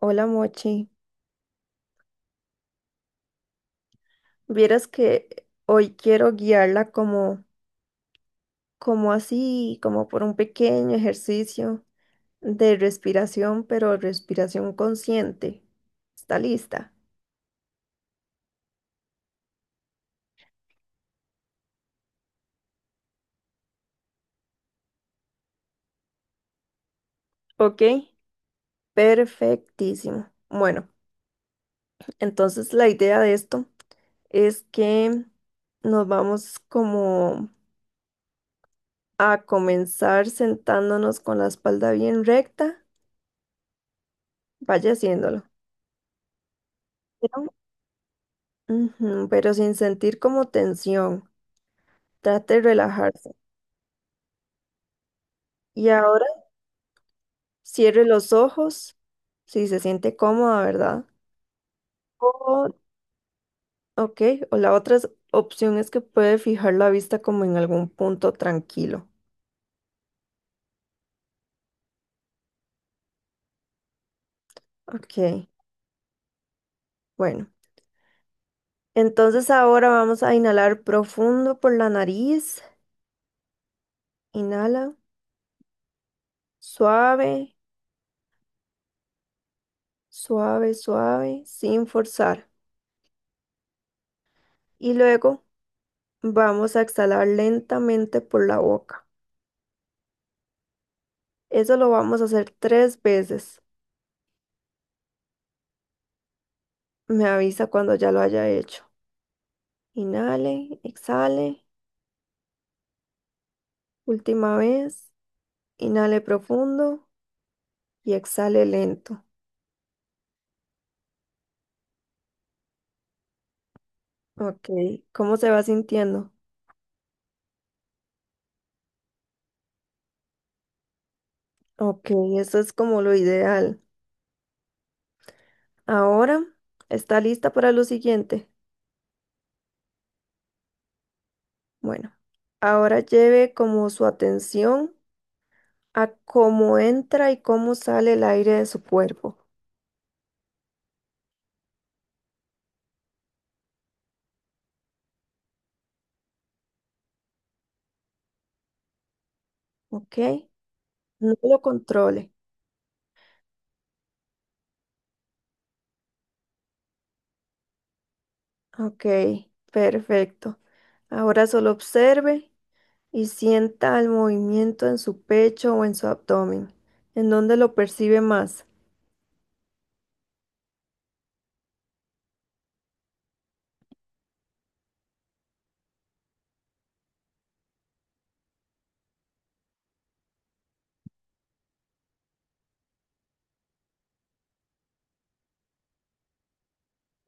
Hola Mochi, vieras que hoy quiero guiarla como así, como por un pequeño ejercicio de respiración, pero respiración consciente. ¿Está lista? Ok, perfectísimo. Bueno, entonces la idea de esto es que nos vamos como a comenzar sentándonos con la espalda bien recta, vaya haciéndolo, pero, ujú, pero sin sentir como tensión. Trate de relajarse. Y ahora cierre los ojos, si se siente cómoda, ¿verdad? O, ok, o la otra opción es que puede fijar la vista como en algún punto tranquilo. Ok, bueno. Entonces ahora vamos a inhalar profundo por la nariz. Inhala, suave, suave, sin forzar. Y luego vamos a exhalar lentamente por la boca. Eso lo vamos a hacer tres veces. Me avisa cuando ya lo haya hecho. Inhale, exhale. Última vez. Inhale profundo y exhale lento. Ok, ¿cómo se va sintiendo? Ok, eso es como lo ideal. Ahora, ¿está lista para lo siguiente? Bueno, ahora lleve como su atención a cómo entra y cómo sale el aire de su cuerpo. Ok, no lo controle. Ok, perfecto. Ahora solo observe y sienta el movimiento en su pecho o en su abdomen, en donde lo percibe más.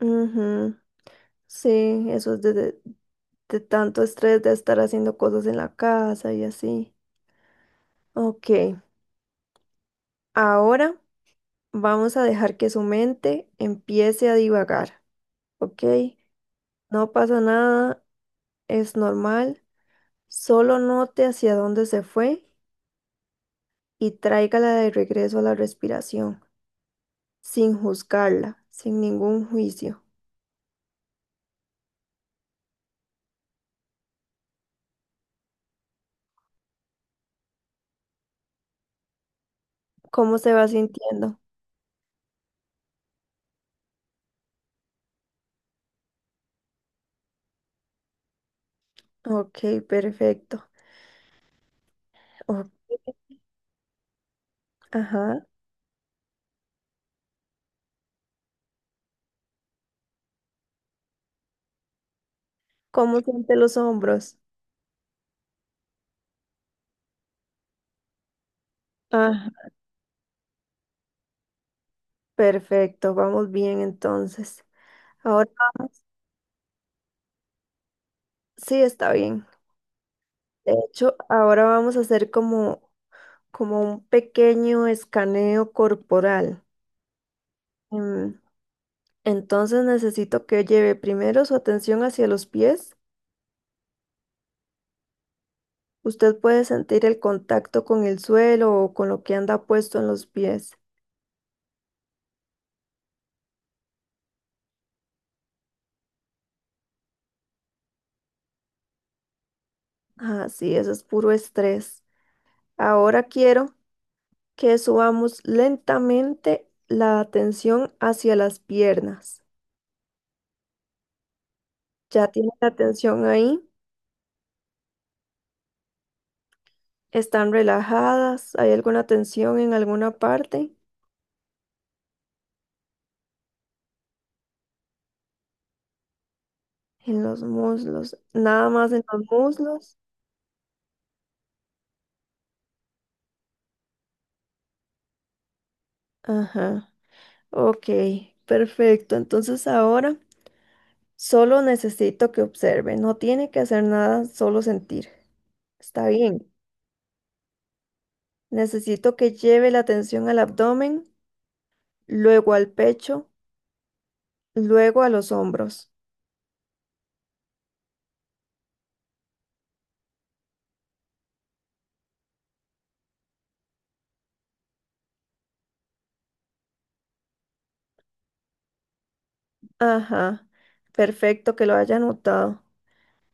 Ujú, sí, eso es de tanto estrés de estar haciendo cosas en la casa y así. Ok, ahora vamos a dejar que su mente empiece a divagar, ¿ok? No pasa nada, es normal, solo note hacia dónde se fue y tráigala de regreso a la respiración, sin juzgarla, sin ningún juicio. ¿Cómo se va sintiendo? Ok, perfecto. O- ajá. ¿Cómo siente los hombros? Ah, perfecto, vamos bien entonces. Ahora sí está bien. De hecho, ahora vamos a hacer como un pequeño escaneo corporal. Em, Entonces necesito que lleve primero su atención hacia los pies. Usted puede sentir el contacto con el suelo o con lo que anda puesto en los pies. Ah, sí, eso es puro estrés. Ahora quiero que subamos lentamente la tensión hacia las piernas. Ya tienen la tensión ahí, están relajadas, ¿hay alguna tensión en alguna parte? En los muslos, nada más en los muslos. Ajá, ok, perfecto. Entonces ahora solo necesito que observe, no tiene que hacer nada, solo sentir. Está bien. Necesito que lleve la atención al abdomen, luego al pecho, luego a los hombros. Ajá, perfecto que lo haya anotado.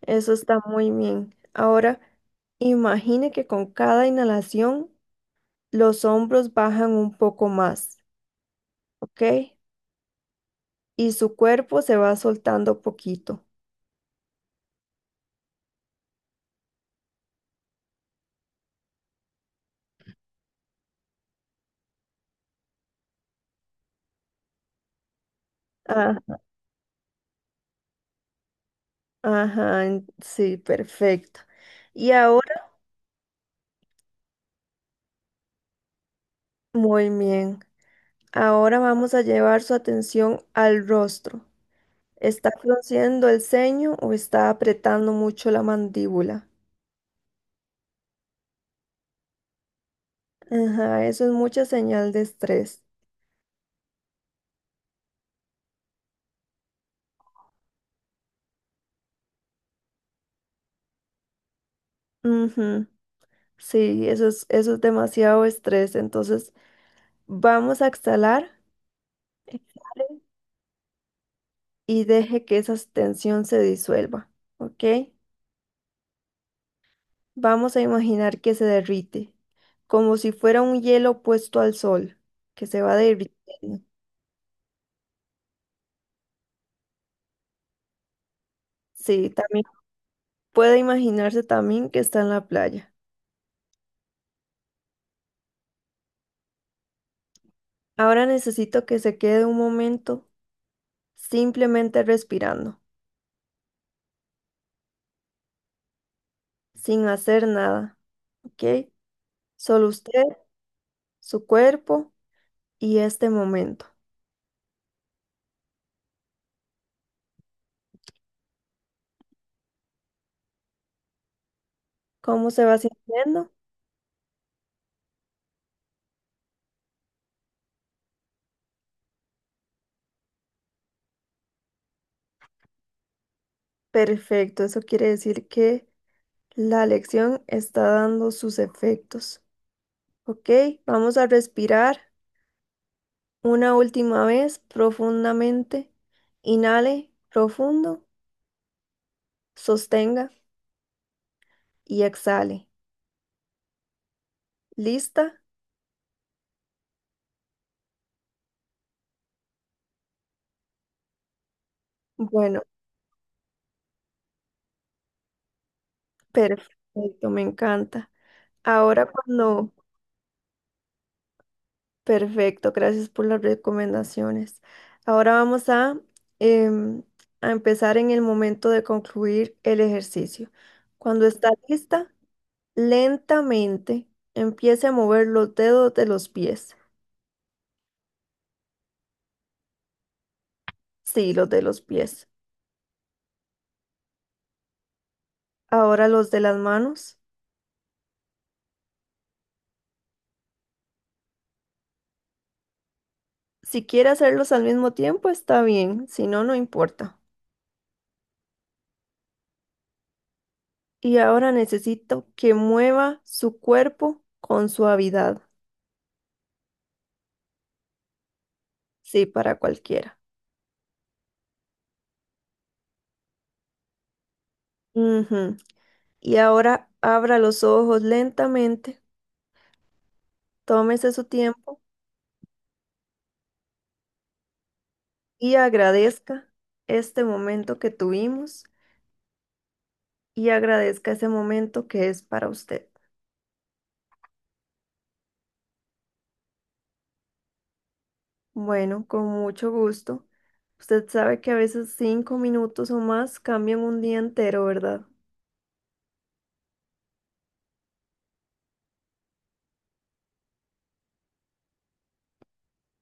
Eso está muy bien. Ahora, imagine que con cada inhalación los hombros bajan un poco más, ¿ok? Y su cuerpo se va soltando poquito. Ah, ajá, en- sí, perfecto. Y ahora, muy bien. Ahora vamos a llevar su atención al rostro. ¿Está frunciendo el ceño o está apretando mucho la mandíbula? Ajá, eso es mucha señal de estrés. Ujú, sí, eso es demasiado estrés. Entonces, vamos a exhalar y deje que esa tensión se disuelva, ¿ok? Vamos a imaginar que se derrite, como si fuera un hielo puesto al sol, que se va derritiendo. Sí, también puede imaginarse también que está en la playa. Ahora necesito que se quede un momento simplemente respirando, sin hacer nada, ¿ok? Solo usted, su cuerpo y este momento. ¿Cómo se va sintiendo? Perfecto, eso quiere decir que la lección está dando sus efectos. Ok, vamos a respirar una última vez profundamente. Inhale profundo, sostenga y exhale. ¿Lista? Bueno, perfecto, me encanta. Ahora cuando perfecto, gracias por las recomendaciones. Ahora vamos a, em, a empezar en el momento de concluir el ejercicio. Cuando está lista, lentamente empiece a mover los dedos de los pies. Sí, los de los pies. Ahora los de las manos. Si quiere hacerlos al mismo tiempo, está bien, si no, no importa. Y ahora necesito que mueva su cuerpo con suavidad. Sí, para cualquiera. Ujú. Y ahora abra los ojos lentamente, tómese su tiempo y agradezca este momento que tuvimos y agradezca ese momento que es para usted. Bueno, con mucho gusto. Usted sabe que a veces 5 minutos o más cambian un día entero, ¿verdad?